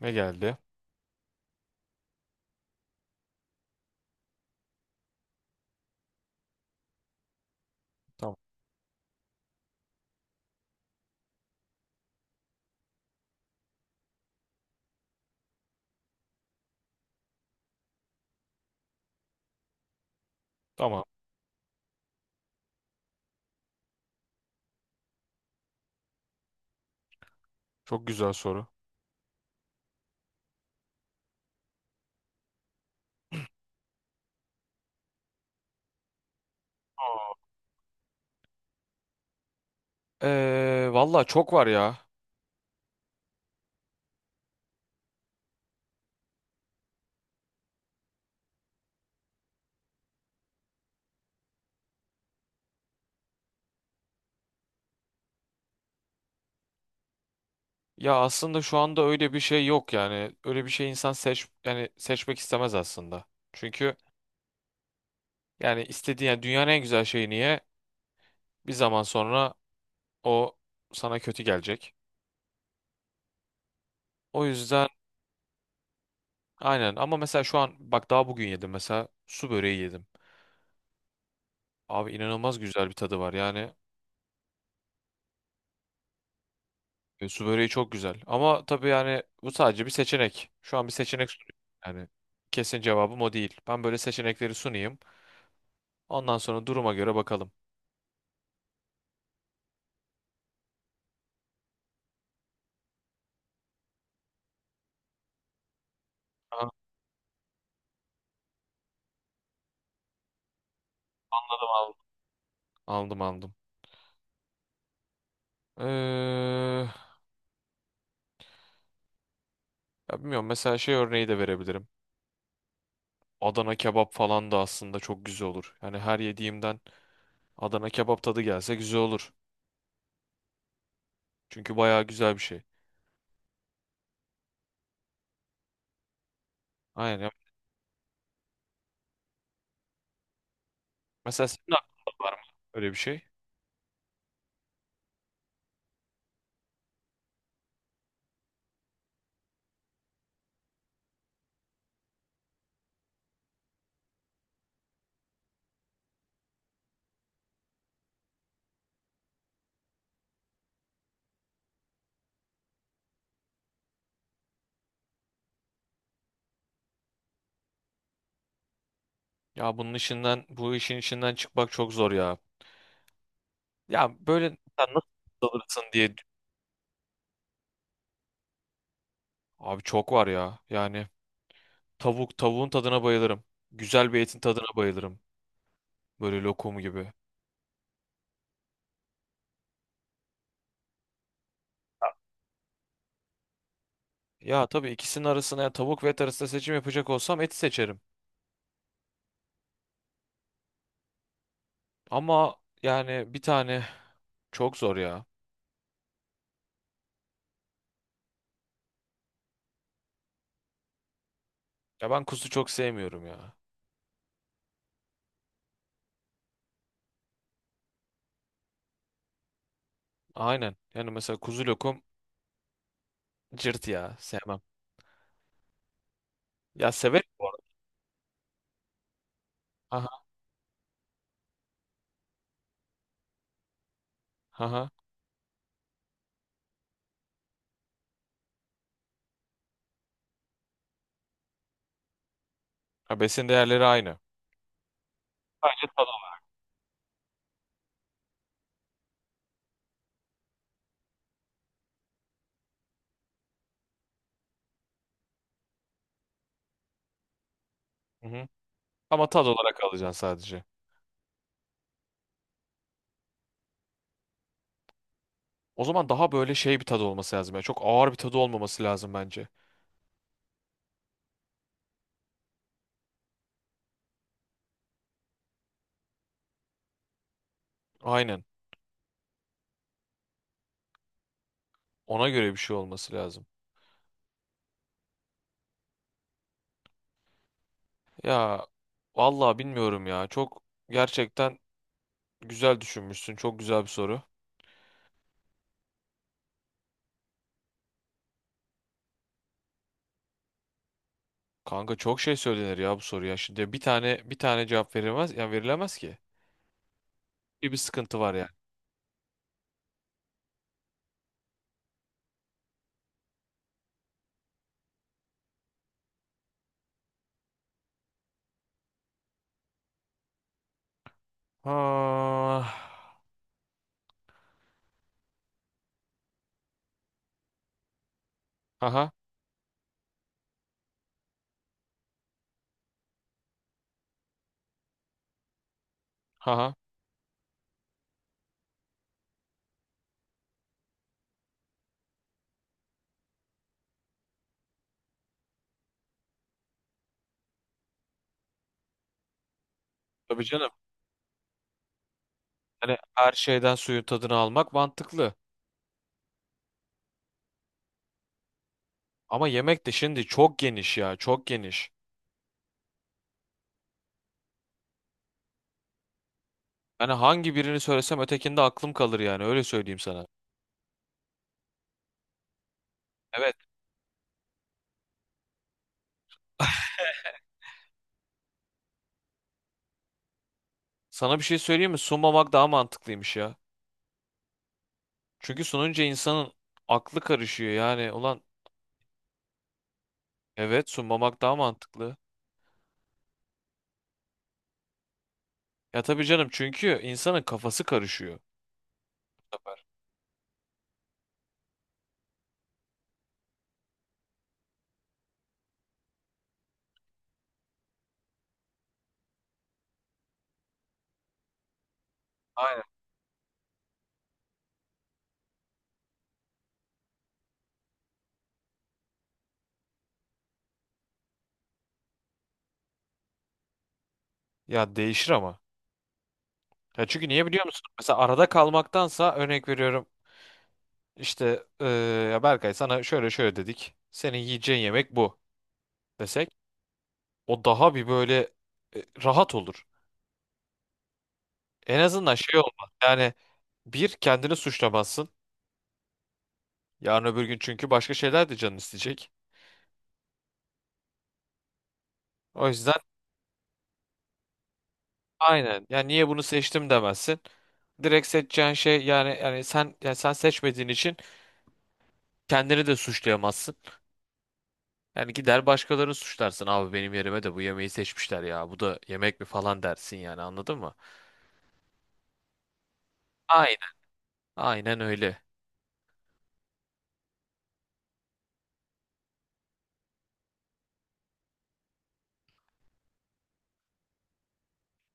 Ne geldi? Tamam. Tamam. Çok güzel soru. Valla çok var ya. Ya aslında şu anda öyle bir şey yok yani. Öyle bir şey insan seç yani seçmek istemez aslında. Çünkü yani istediğin yani dünyanın en güzel şeyi niye bir zaman sonra o sana kötü gelecek. O yüzden aynen, ama mesela şu an bak daha bugün yedim, mesela su böreği yedim. Abi inanılmaz güzel bir tadı var yani. E, su böreği çok güzel. Ama tabii yani bu sadece bir seçenek. Şu an bir seçenek sunuyorum. Yani kesin cevabım o değil. Ben böyle seçenekleri sunayım. Ondan sonra duruma göre bakalım. Anladım, aldım. Aldım, aldım. Ee, ya bilmiyorum, mesela şey örneği de verebilirim. Adana kebap falan da aslında çok güzel olur. Yani her yediğimden Adana kebap tadı gelse güzel olur. Çünkü bayağı güzel bir şey. Aynen. Mesela senin aklında var mı öyle bir şey? Ya bunun işinden, bu işin içinden çıkmak çok zor ya. Ya böyle sen nasıl dalırsın diye, abi çok var ya. Yani tavuk, tavuğun tadına bayılırım. Güzel bir etin tadına bayılırım. Böyle lokum gibi. Ya tabii ikisinin arasına, ya tavuk ve et arasında seçim yapacak olsam eti seçerim. Ama yani bir tane çok zor ya. Ya ben kuzu çok sevmiyorum ya. Aynen. Yani mesela kuzu lokum cırt ya, sevmem. Ya severim bu arada. Aha, aha. Ha, besin değerleri aynı. Sadece tadı olarak. Hı hı. Ama tad olarak alacaksın sadece. O zaman daha böyle şey bir tadı olması lazım, ya çok ağır bir tadı olmaması lazım bence. Aynen. Ona göre bir şey olması lazım. Ya vallahi bilmiyorum ya. Çok gerçekten güzel düşünmüşsün. Çok güzel bir soru. Kanka çok şey söylenir ya bu soruya. Şimdi bir tane, bir tane cevap verilmez, yani verilemez ki. Bir sıkıntı var yani. Ha. Haha. Haha. Tabii canım. Hani her şeyden suyun tadını almak mantıklı. Ama yemek de şimdi çok geniş ya, çok geniş. Hani hangi birini söylesem ötekinde aklım kalır yani, öyle söyleyeyim sana. Evet. Sana bir şey söyleyeyim mi? Sunmamak daha mantıklıymış ya. Çünkü sununca insanın aklı karışıyor yani. Ulan evet, sunmamak daha mantıklı. Ya tabii canım, çünkü insanın kafası karışıyor. Aynen. Ya değişir ama. Ya çünkü niye biliyor musun? Mesela arada kalmaktansa, örnek veriyorum. İşte eee, ya Berkay, sana şöyle şöyle dedik. Senin yiyeceğin yemek bu desek. O daha bir böyle rahat olur. En azından şey olmaz. Yani bir, kendini suçlamazsın. Yarın öbür gün çünkü başka şeyler de canın isteyecek. O yüzden aynen. Yani niye bunu seçtim demezsin. Direkt seçeceğin şey, yani sen, sen seçmediğin için kendini de suçlayamazsın. Yani gider başkalarını suçlarsın. Abi benim yerime de bu yemeği seçmişler ya. Bu da yemek mi falan dersin, yani anladın mı? Aynen. Aynen öyle.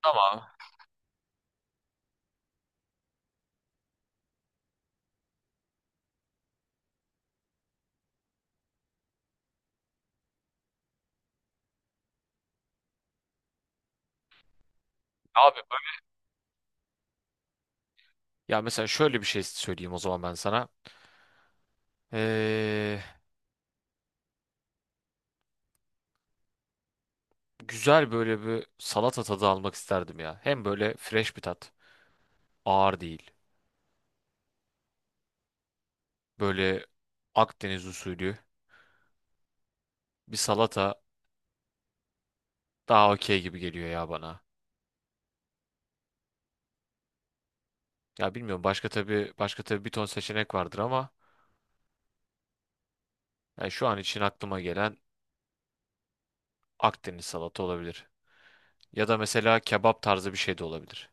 Tamam. Abi böyle- ya mesela şöyle bir şey söyleyeyim o zaman ben sana. Ee, güzel böyle bir salata tadı almak isterdim ya. Hem böyle fresh bir tat, ağır değil. Böyle Akdeniz usulü bir salata daha okey gibi geliyor ya bana. Ya bilmiyorum, başka tabii, bir ton seçenek vardır ama yani şu an için aklıma gelen Akdeniz salata olabilir. Ya da mesela kebap tarzı bir şey de olabilir.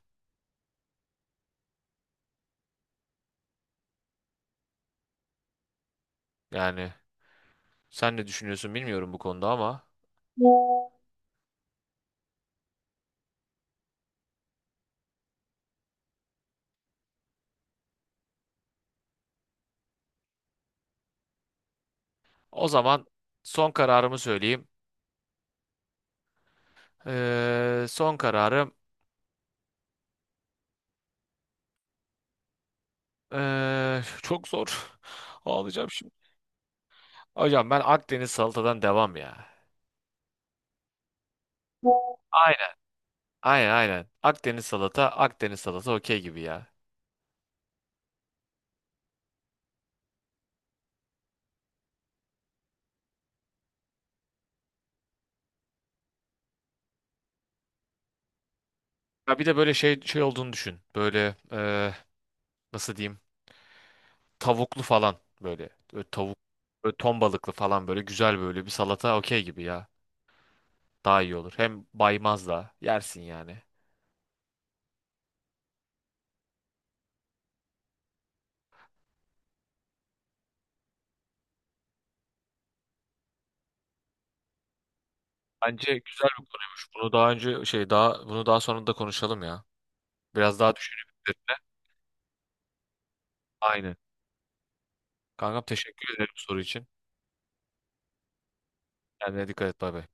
Yani sen ne düşünüyorsun bilmiyorum bu konuda ama o zaman son kararımı söyleyeyim. Son kararım çok zor. Ağlayacağım şimdi. Hocam ben Akdeniz salatadan devam ya. Aynen, aynen. Akdeniz salata, Akdeniz salata okey gibi ya. Ya bir de böyle şey olduğunu düşün. Böyle nasıl diyeyim? Tavuklu falan böyle. Böyle tavuk, böyle ton balıklı falan, böyle güzel böyle bir salata okey gibi ya. Daha iyi olur. Hem baymaz da yersin yani. Bence güzel bir konuymuş. Bunu daha önce şey daha bunu daha sonra da konuşalım ya. Biraz daha düşünüp üzerine. Aynen. Kankam, teşekkür ederim soru için. Kendine dikkat et, bay bay.